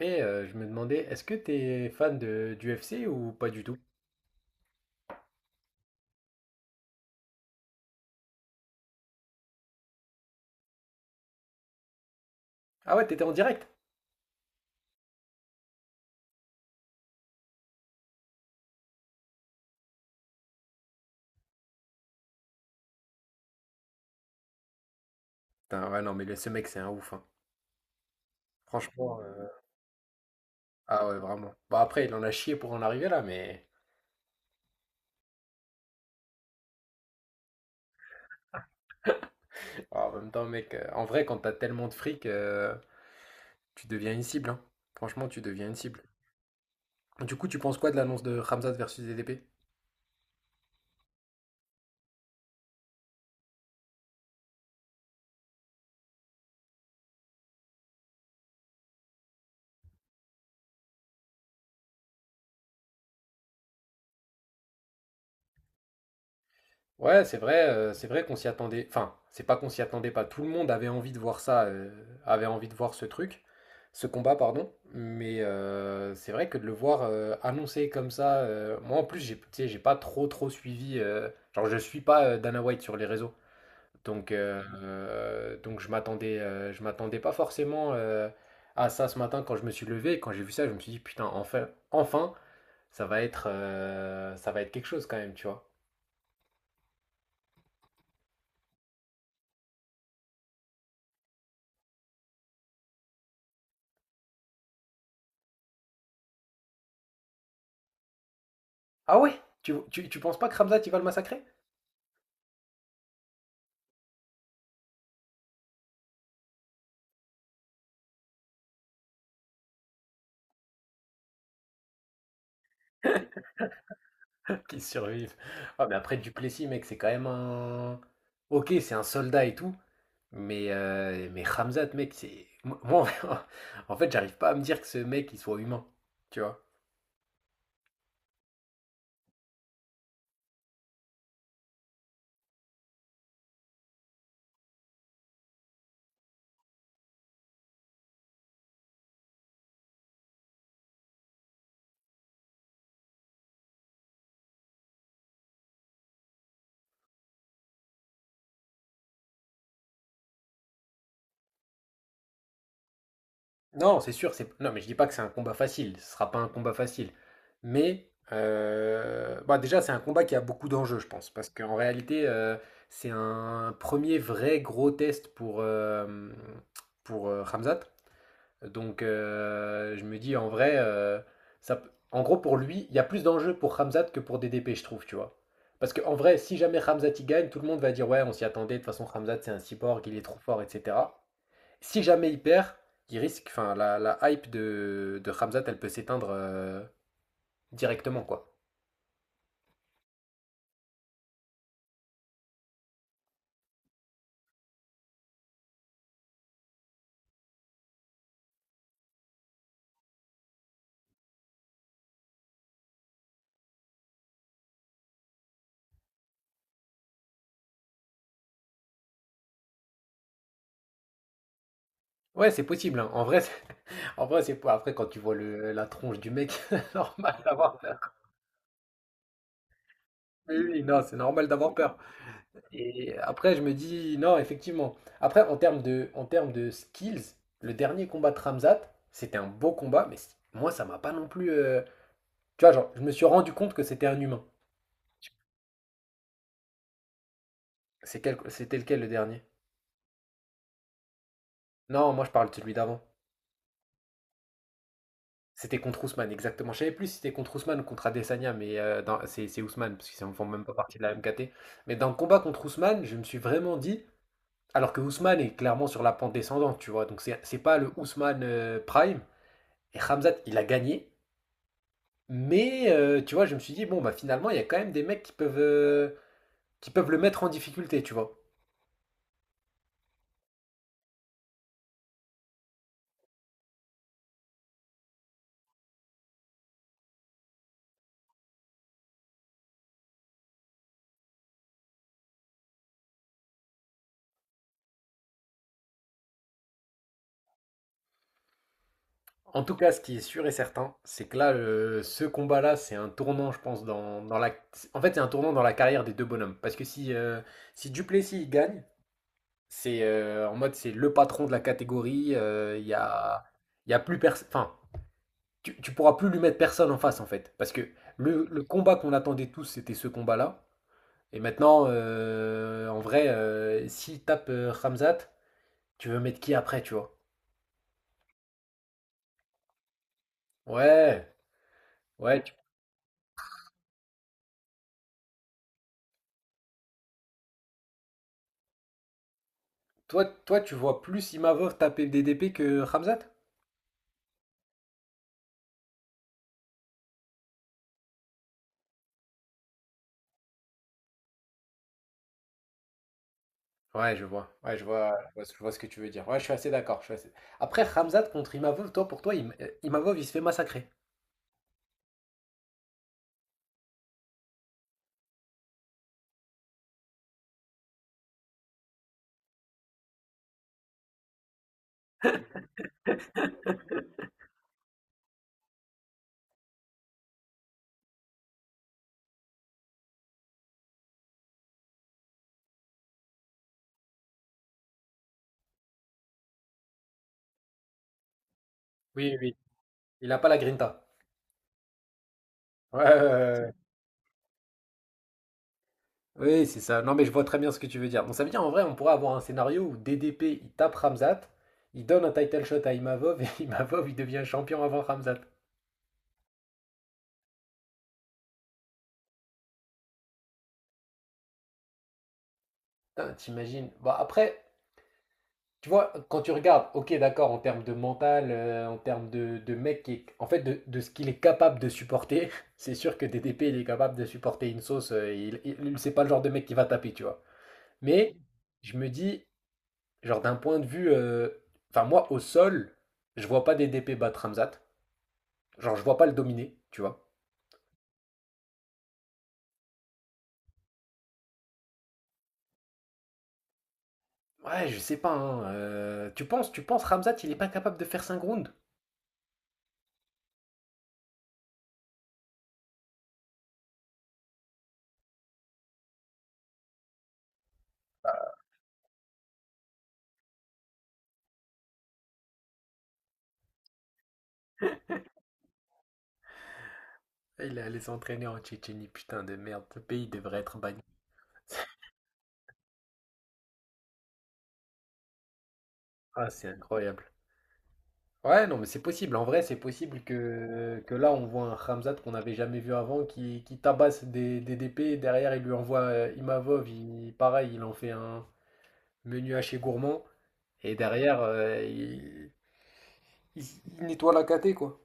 Je me demandais, est-ce que t'es fan du UFC ou pas du tout? Ah ouais, t'étais en direct? Putain, ouais, non, mais ce mec, c'est un ouf, hein. Franchement, ah ouais, vraiment. Bah après, il en a chié pour en arriver là, mais ah, en même temps, mec, en vrai, quand t'as tellement de fric, tu deviens une cible, hein. Franchement, tu deviens une cible. Du coup, tu penses quoi de l'annonce de Khamzat versus DDP? Ouais, c'est vrai qu'on s'y attendait. Enfin, c'est pas qu'on s'y attendait pas. Tout le monde avait envie de voir ça, avait envie de voir ce truc, ce combat, pardon. Mais c'est vrai que de le voir annoncé comme ça, moi en plus, j'ai, tu sais, j'ai pas trop suivi. Genre, je suis pas Dana White sur les réseaux, donc je m'attendais pas forcément à ça ce matin quand je me suis levé. Et quand j'ai vu ça, je me suis dit putain, enfin, ça va être quelque chose quand même, tu vois. Ah ouais? Tu penses pas que Khamzat, il va le massacrer? Qu'il survive. Ah, mais après, Duplessis, mec, c'est quand même un. Ok, c'est un soldat et tout. Mais Khamzat, mec, c'est. Moi, en fait, j'arrive pas à me dire que ce mec, il soit humain. Tu vois? Non, c'est sûr, c'est. Non, mais je dis pas que c'est un combat facile. Ce sera pas un combat facile. Mais. Bah, déjà, c'est un combat qui a beaucoup d'enjeux, je pense. Parce qu'en réalité, c'est un premier vrai gros test pour Khamzat. Je me dis en vrai, ça, en gros pour lui, il y a plus d'enjeux pour Hamzat que pour DDP, je trouve, tu vois. Parce qu'en vrai, si jamais Hamzat il gagne, tout le monde va dire ouais, on s'y attendait, de toute façon Hamzat c'est un cyborg, il est trop fort, etc. Si jamais il perd, il risque, enfin la hype de Hamzat, elle peut s'éteindre directement, quoi. Ouais, c'est possible, hein. En vrai, en vrai, c'est pas. Après, quand tu vois la tronche du mec, c'est normal d'avoir peur. Oui, oui, non, c'est normal d'avoir peur. Et après, je me dis, non, effectivement. Après, en termes de skills, le dernier combat de Ramzat, c'était un beau combat, mais moi, ça m'a pas non plus. Tu vois, genre, je me suis rendu compte que c'était un humain. C'était lequel le dernier? Non, moi, je parle de celui d'avant. C'était contre Ousmane, exactement. Je savais plus si c'était contre Ousmane ou contre Adesanya, mais c'est Ousmane, parce qu'ils ne font même pas partie de la MKT. Mais dans le combat contre Ousmane, je me suis vraiment dit, alors que Ousmane est clairement sur la pente descendante, tu vois, donc c'est pas le Ousmane Prime. Et Ramzat, il a gagné, mais tu vois, je me suis dit, bon, bah finalement, il y a quand même des mecs qui peuvent le mettre en difficulté, tu vois. En tout cas, ce qui est sûr et certain, c'est que là, ce combat-là, c'est un tournant, je pense, dans la... En fait, c'est un tournant dans la carrière des deux bonhommes. Parce que si, si Duplessis il gagne, c'est en mode, c'est le patron de la catégorie, il y a plus personne... Enfin, tu pourras plus lui mettre personne en face, en fait. Parce que le combat qu'on attendait tous, c'était ce combat-là. Et maintenant, en vrai, s'il tape Ramzat, tu veux mettre qui après, tu vois? Ouais, ouais. tu- Toi, tu vois plus Imavov taper DDP que Ramzat? Ouais, je vois. Ouais, je vois ce que tu veux dire. Ouais, je suis assez d'accord. Après, Ramzat contre Imavov, toi, pour toi, Imavov, il se fait massacrer. Oui, oui. Il n'a pas la grinta. Ouais, ouais, ouais, ouais. Oui, c'est ça. Non, mais je vois très bien ce que tu veux dire. Bon, ça veut dire, en vrai, on pourrait avoir un scénario où DDP, il tape Ramzat, il donne un title shot à Imavov, et Imavov, il devient champion avant Ramzat. Putain, t'imagines. Bah après, tu vois, quand tu regardes, ok, d'accord, en termes de mental, en termes de mec en fait, de ce qu'il est capable de supporter, c'est sûr que DDP, il est capable de supporter une sauce. C'est pas le genre de mec qui va taper, tu vois. Mais je me dis, genre d'un point de vue, enfin moi, au sol, je vois pas DDP battre Ramzat. Genre, je vois pas le dominer, tu vois. Ouais, je sais pas. Hein, tu penses, Ramzat, il est pas capable de faire 5 rounds? Il est allé s'entraîner en Tchétchénie, putain de merde. Ce pays devrait être banni. Ah, c'est incroyable. Ouais, non, mais c'est possible. En vrai, c'est possible que là, on voit un Khamzat qu'on n'avait jamais vu avant qui tabasse des DP. Derrière, il lui envoie Imavov. Il, pareil, il en fait un menu haché gourmand. Et derrière, il- il nettoie la caté, quoi.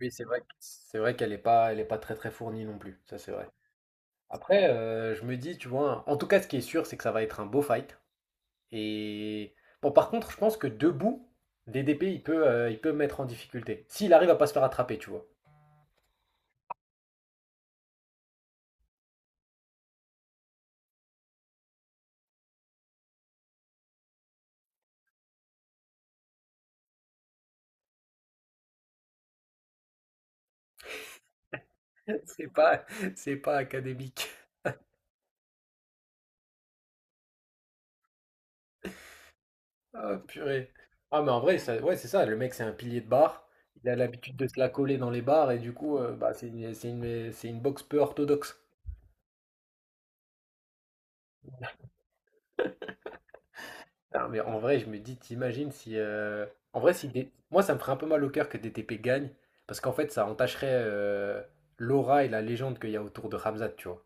Oui, c'est vrai, c'est vrai qu'elle n'est pas, elle est pas très fournie non plus. Ça, c'est vrai. Après, je me dis, tu vois, en tout cas, ce qui est sûr, c'est que ça va être un beau fight. Et bon, par contre, je pense que debout, DDP, il peut me mettre en difficulté. S'il arrive à pas se faire attraper, tu vois. C'est pas, c'est pas académique. Ah, purée. Ah, mais en vrai, ouais, c'est ça. Le mec, c'est un pilier de bar. Il a l'habitude de se la coller dans les bars et du coup, bah, c'est une, c'est une boxe peu orthodoxe. Ah, mais en vrai, je me dis, t'imagines si. En vrai, si des- moi, ça me ferait un peu mal au cœur que DTP gagne parce qu'en fait, ça entacherait l'aura et la légende qu'il y a autour de Ramzat, tu vois.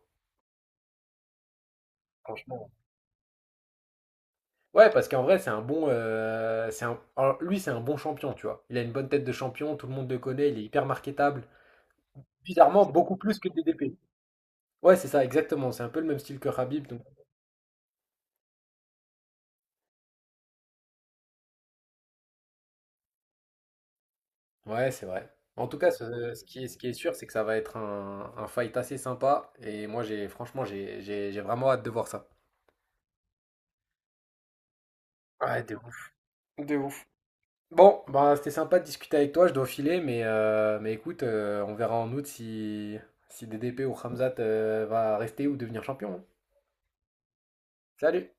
Franchement. Ouais, parce qu'en vrai, c'est un bon. Alors, lui, c'est un bon champion, tu vois. Il a une bonne tête de champion, tout le monde le connaît, il est hyper marketable. Bizarrement, beaucoup plus que DDP. Ouais, c'est ça, exactement. C'est un peu le même style que Khabib. Ouais, c'est vrai. En tout cas, ce qui est sûr, c'est que ça va être un fight assez sympa. Et moi, j'ai franchement, j'ai vraiment hâte de voir ça. Ouais, de ouf. De ouf. Bon, bah, c'était sympa de discuter avec toi. Je dois filer, mais écoute, on verra en août si, si DDP ou Khamzat va rester ou devenir champion. Hein. Salut!